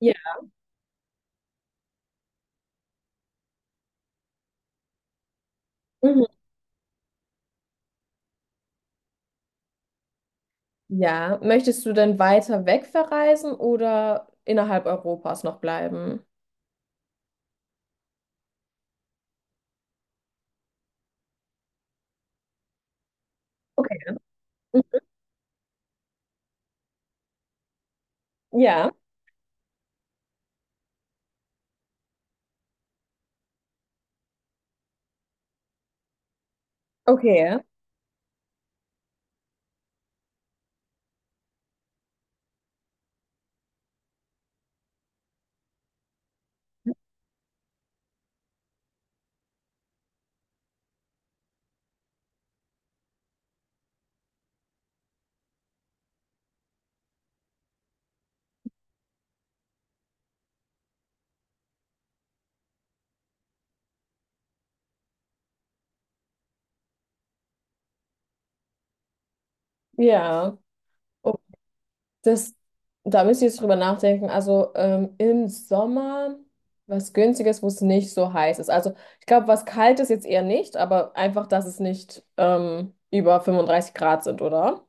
Ja. Mhm. Ja. Möchtest du denn weiter weg verreisen oder innerhalb Europas noch bleiben? Okay. Mhm. Ja. Okay. Ja. Oh, das, da müsst ihr jetzt drüber nachdenken. Also im Sommer was Günstiges, wo es nicht so heiß ist. Also ich glaube, was kalt ist jetzt eher nicht, aber einfach, dass es nicht über 35 Grad sind, oder?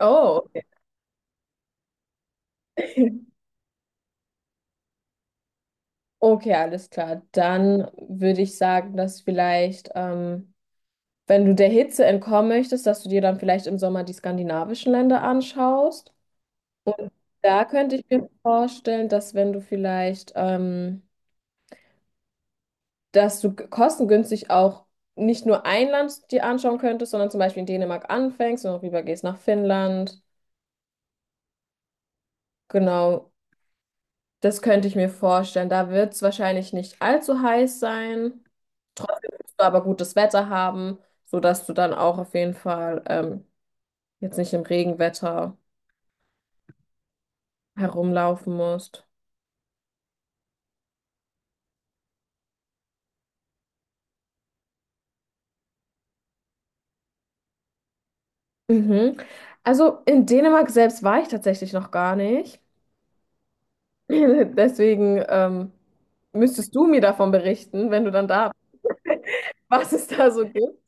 Oh, okay. Okay, alles klar. Dann würde ich sagen, dass vielleicht wenn du der Hitze entkommen möchtest, dass du dir dann vielleicht im Sommer die skandinavischen Länder anschaust. Und da könnte ich mir vorstellen, dass wenn du vielleicht, dass du kostengünstig auch nicht nur ein Land dir anschauen könntest, sondern zum Beispiel in Dänemark anfängst und auch rübergehst nach Finnland. Genau, das könnte ich mir vorstellen. Da wird es wahrscheinlich nicht allzu heiß sein, aber gutes Wetter haben, sodass du dann auch auf jeden Fall jetzt nicht im Regenwetter herumlaufen musst. Mhm. Also in Dänemark selbst war ich tatsächlich noch gar nicht. Deswegen müsstest du mir davon berichten, wenn du dann da bist, was es da so gibt.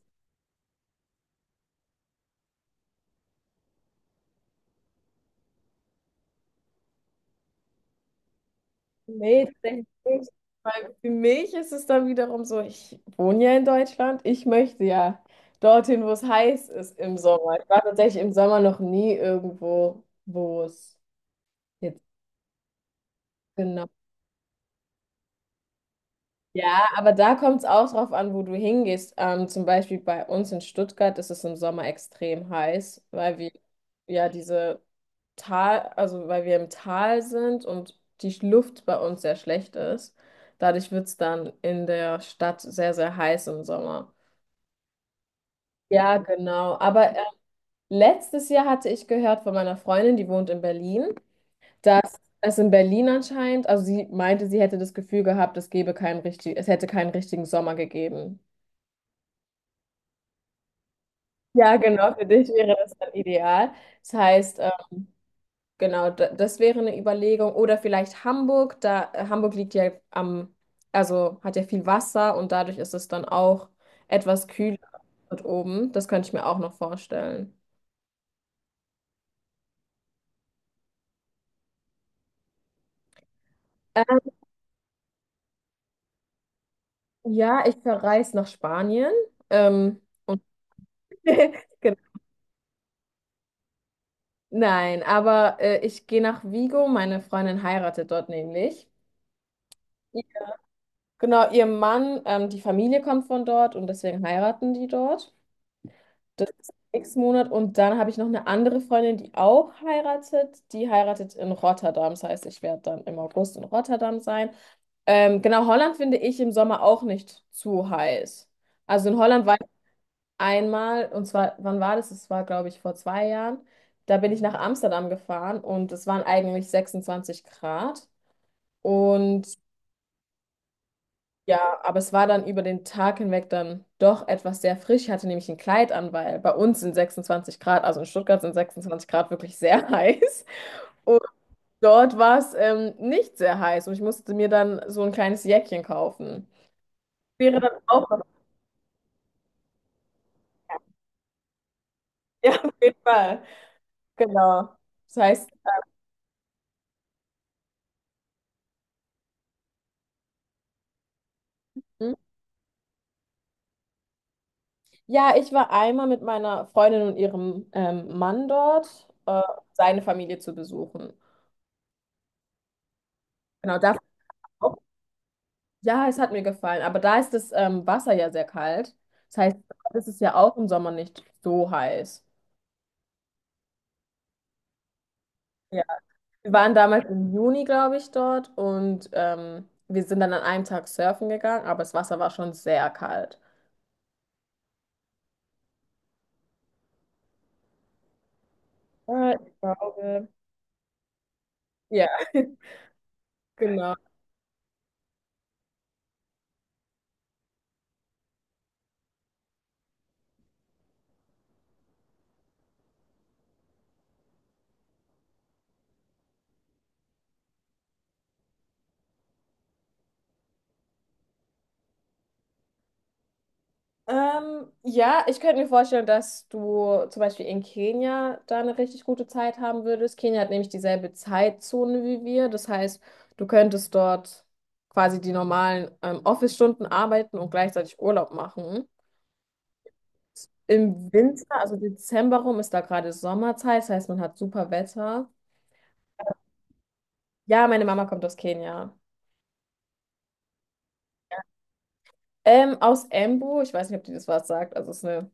Nee, tatsächlich nicht. Weil für mich ist es dann wiederum so, ich wohne ja in Deutschland, ich möchte ja dorthin, wo es heiß ist im Sommer. Ich war tatsächlich im Sommer noch nie irgendwo, wo es jetzt genau. Ja, aber da kommt es auch drauf an, wo du hingehst. Zum Beispiel bei uns in Stuttgart ist es im Sommer extrem heiß, weil wir ja diese Tal, also weil wir im Tal sind und die Luft bei uns sehr schlecht ist. Dadurch wird es dann in der Stadt sehr, sehr heiß im Sommer. Ja, genau. Aber letztes Jahr hatte ich gehört von meiner Freundin, die wohnt in Berlin. Es in Berlin anscheinend, also sie meinte, sie hätte das Gefühl gehabt, es gäbe keinen richtig, es hätte keinen richtigen Sommer gegeben. Ja, genau, für dich wäre das dann ideal. Das heißt, genau, das wäre eine Überlegung. Oder vielleicht Hamburg, da Hamburg liegt ja am, also hat ja viel Wasser und dadurch ist es dann auch etwas kühler dort oben. Das könnte ich mir auch noch vorstellen. Ähm, Ja, ich verreise nach Spanien. Und Genau. Nein, aber ich gehe nach Vigo. Meine Freundin heiratet dort nämlich. Genau, ihr Mann, die Familie kommt von dort und deswegen heiraten die dort. Das ist nächsten Monat. Und dann habe ich noch eine andere Freundin, die auch heiratet. Die heiratet in Rotterdam. Das heißt, ich werde dann im August in Rotterdam sein. Genau, Holland finde ich im Sommer auch nicht zu heiß. Also in Holland war ich einmal, und zwar, wann war das? Das war, glaube ich, vor zwei Jahren. Da bin ich nach Amsterdam gefahren und es waren eigentlich 26 Grad. Und ja, aber es war dann über den Tag hinweg dann doch etwas sehr frisch. Ich hatte nämlich ein Kleid an, weil bei uns sind 26 Grad, also in Stuttgart sind 26 Grad wirklich sehr heiß. Und dort war es nicht sehr heiß und ich musste mir dann so ein kleines Jäckchen kaufen. Wäre dann auch. Ja, auf jeden Fall. Genau. Das heißt, hm? Ja, ich war einmal mit meiner Freundin und ihrem Mann dort, um seine Familie zu besuchen. Genau, das. Ja, es hat mir gefallen, aber da ist das Wasser ja sehr kalt. Das heißt, es ist ja auch im Sommer nicht so heiß. Ja. Wir waren damals im Juni, glaube ich, dort und wir sind dann an einem Tag surfen gegangen, aber das Wasser war schon sehr kalt. Ja, ich glaube. Ja, genau. Ja, ich könnte mir vorstellen, dass du zum Beispiel in Kenia da eine richtig gute Zeit haben würdest. Kenia hat nämlich dieselbe Zeitzone wie wir. Das heißt, du könntest dort quasi die normalen Office-Stunden arbeiten und gleichzeitig Urlaub machen. Im Winter, also Dezember rum, ist da gerade Sommerzeit. Das heißt, man hat super Wetter. Ja, meine Mama kommt aus Kenia. Aus Embu. Ich weiß nicht, ob die das was sagt. Also es ist eine.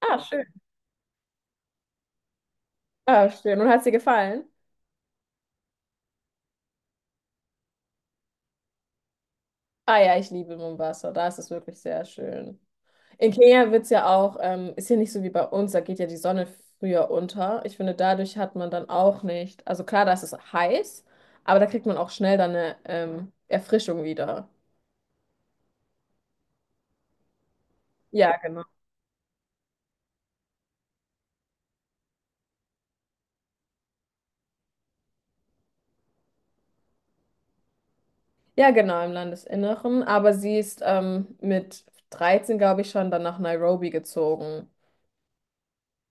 Ah, schön. Ah, schön. Und hat sie gefallen? Ah ja, ich liebe Mombasa. Da ist es wirklich sehr schön. In Kenia wird es ja auch, ist hier nicht so wie bei uns, da geht ja die Sonne früher unter. Ich finde, dadurch hat man dann auch nicht, also klar, da ist es heiß, aber da kriegt man auch schnell dann eine Erfrischung wieder. Ja, genau. Ja, genau, im Landesinneren. Aber sie ist mit 13, glaube ich, schon dann nach Nairobi gezogen.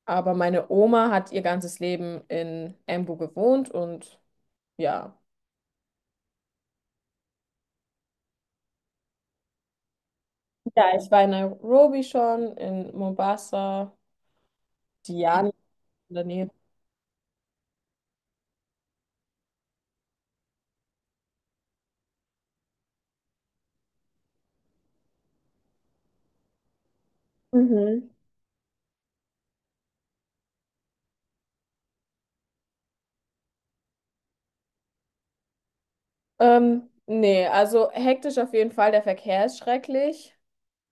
Aber meine Oma hat ihr ganzes Leben in Embu gewohnt und ja. Ja, ich war in Nairobi schon, in Mombasa, Diani in der Nähe. Mhm. Nee, also hektisch auf jeden Fall. Der Verkehr ist schrecklich.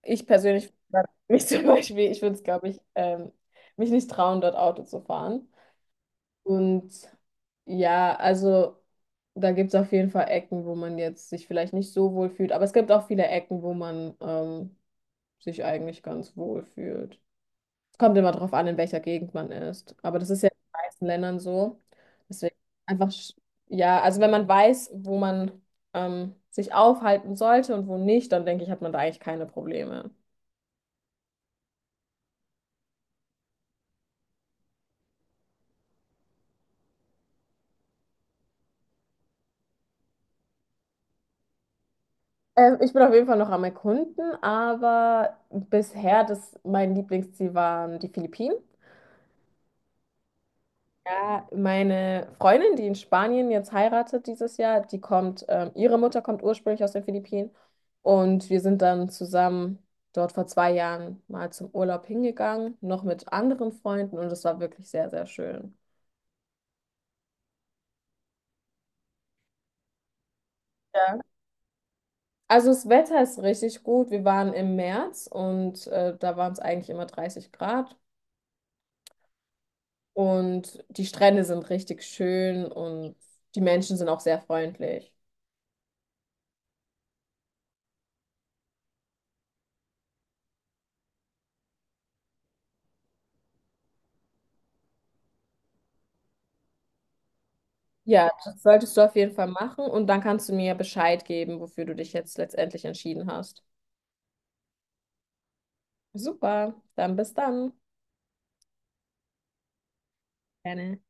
Ich persönlich, mich zum Beispiel, ich würde es, glaube ich, mich nicht trauen, dort Auto zu fahren. Und ja, also da gibt es auf jeden Fall Ecken, wo man jetzt sich vielleicht nicht so wohl fühlt. Aber es gibt auch viele Ecken, wo man sich eigentlich ganz wohl fühlt. Kommt immer drauf an, in welcher Gegend man ist. Aber das ist ja in den meisten Ländern so. Deswegen einfach, ja, also wenn man weiß, wo man sich aufhalten sollte und wo nicht, dann denke ich, hat man da eigentlich keine Probleme. Ich bin auf jeden Fall noch am Erkunden, aber bisher das, mein Lieblingsziel waren die Philippinen. Ja, meine Freundin, die in Spanien jetzt heiratet dieses Jahr, die kommt, ihre Mutter kommt ursprünglich aus den Philippinen und wir sind dann zusammen dort vor zwei Jahren mal zum Urlaub hingegangen, noch mit anderen Freunden und es war wirklich sehr, sehr schön. Also das Wetter ist richtig gut. Wir waren im März und da waren es eigentlich immer 30 Grad und die Strände sind richtig schön und die Menschen sind auch sehr freundlich. Ja, das solltest du auf jeden Fall machen und dann kannst du mir Bescheid geben, wofür du dich jetzt letztendlich entschieden hast. Super, dann bis dann. Gerne.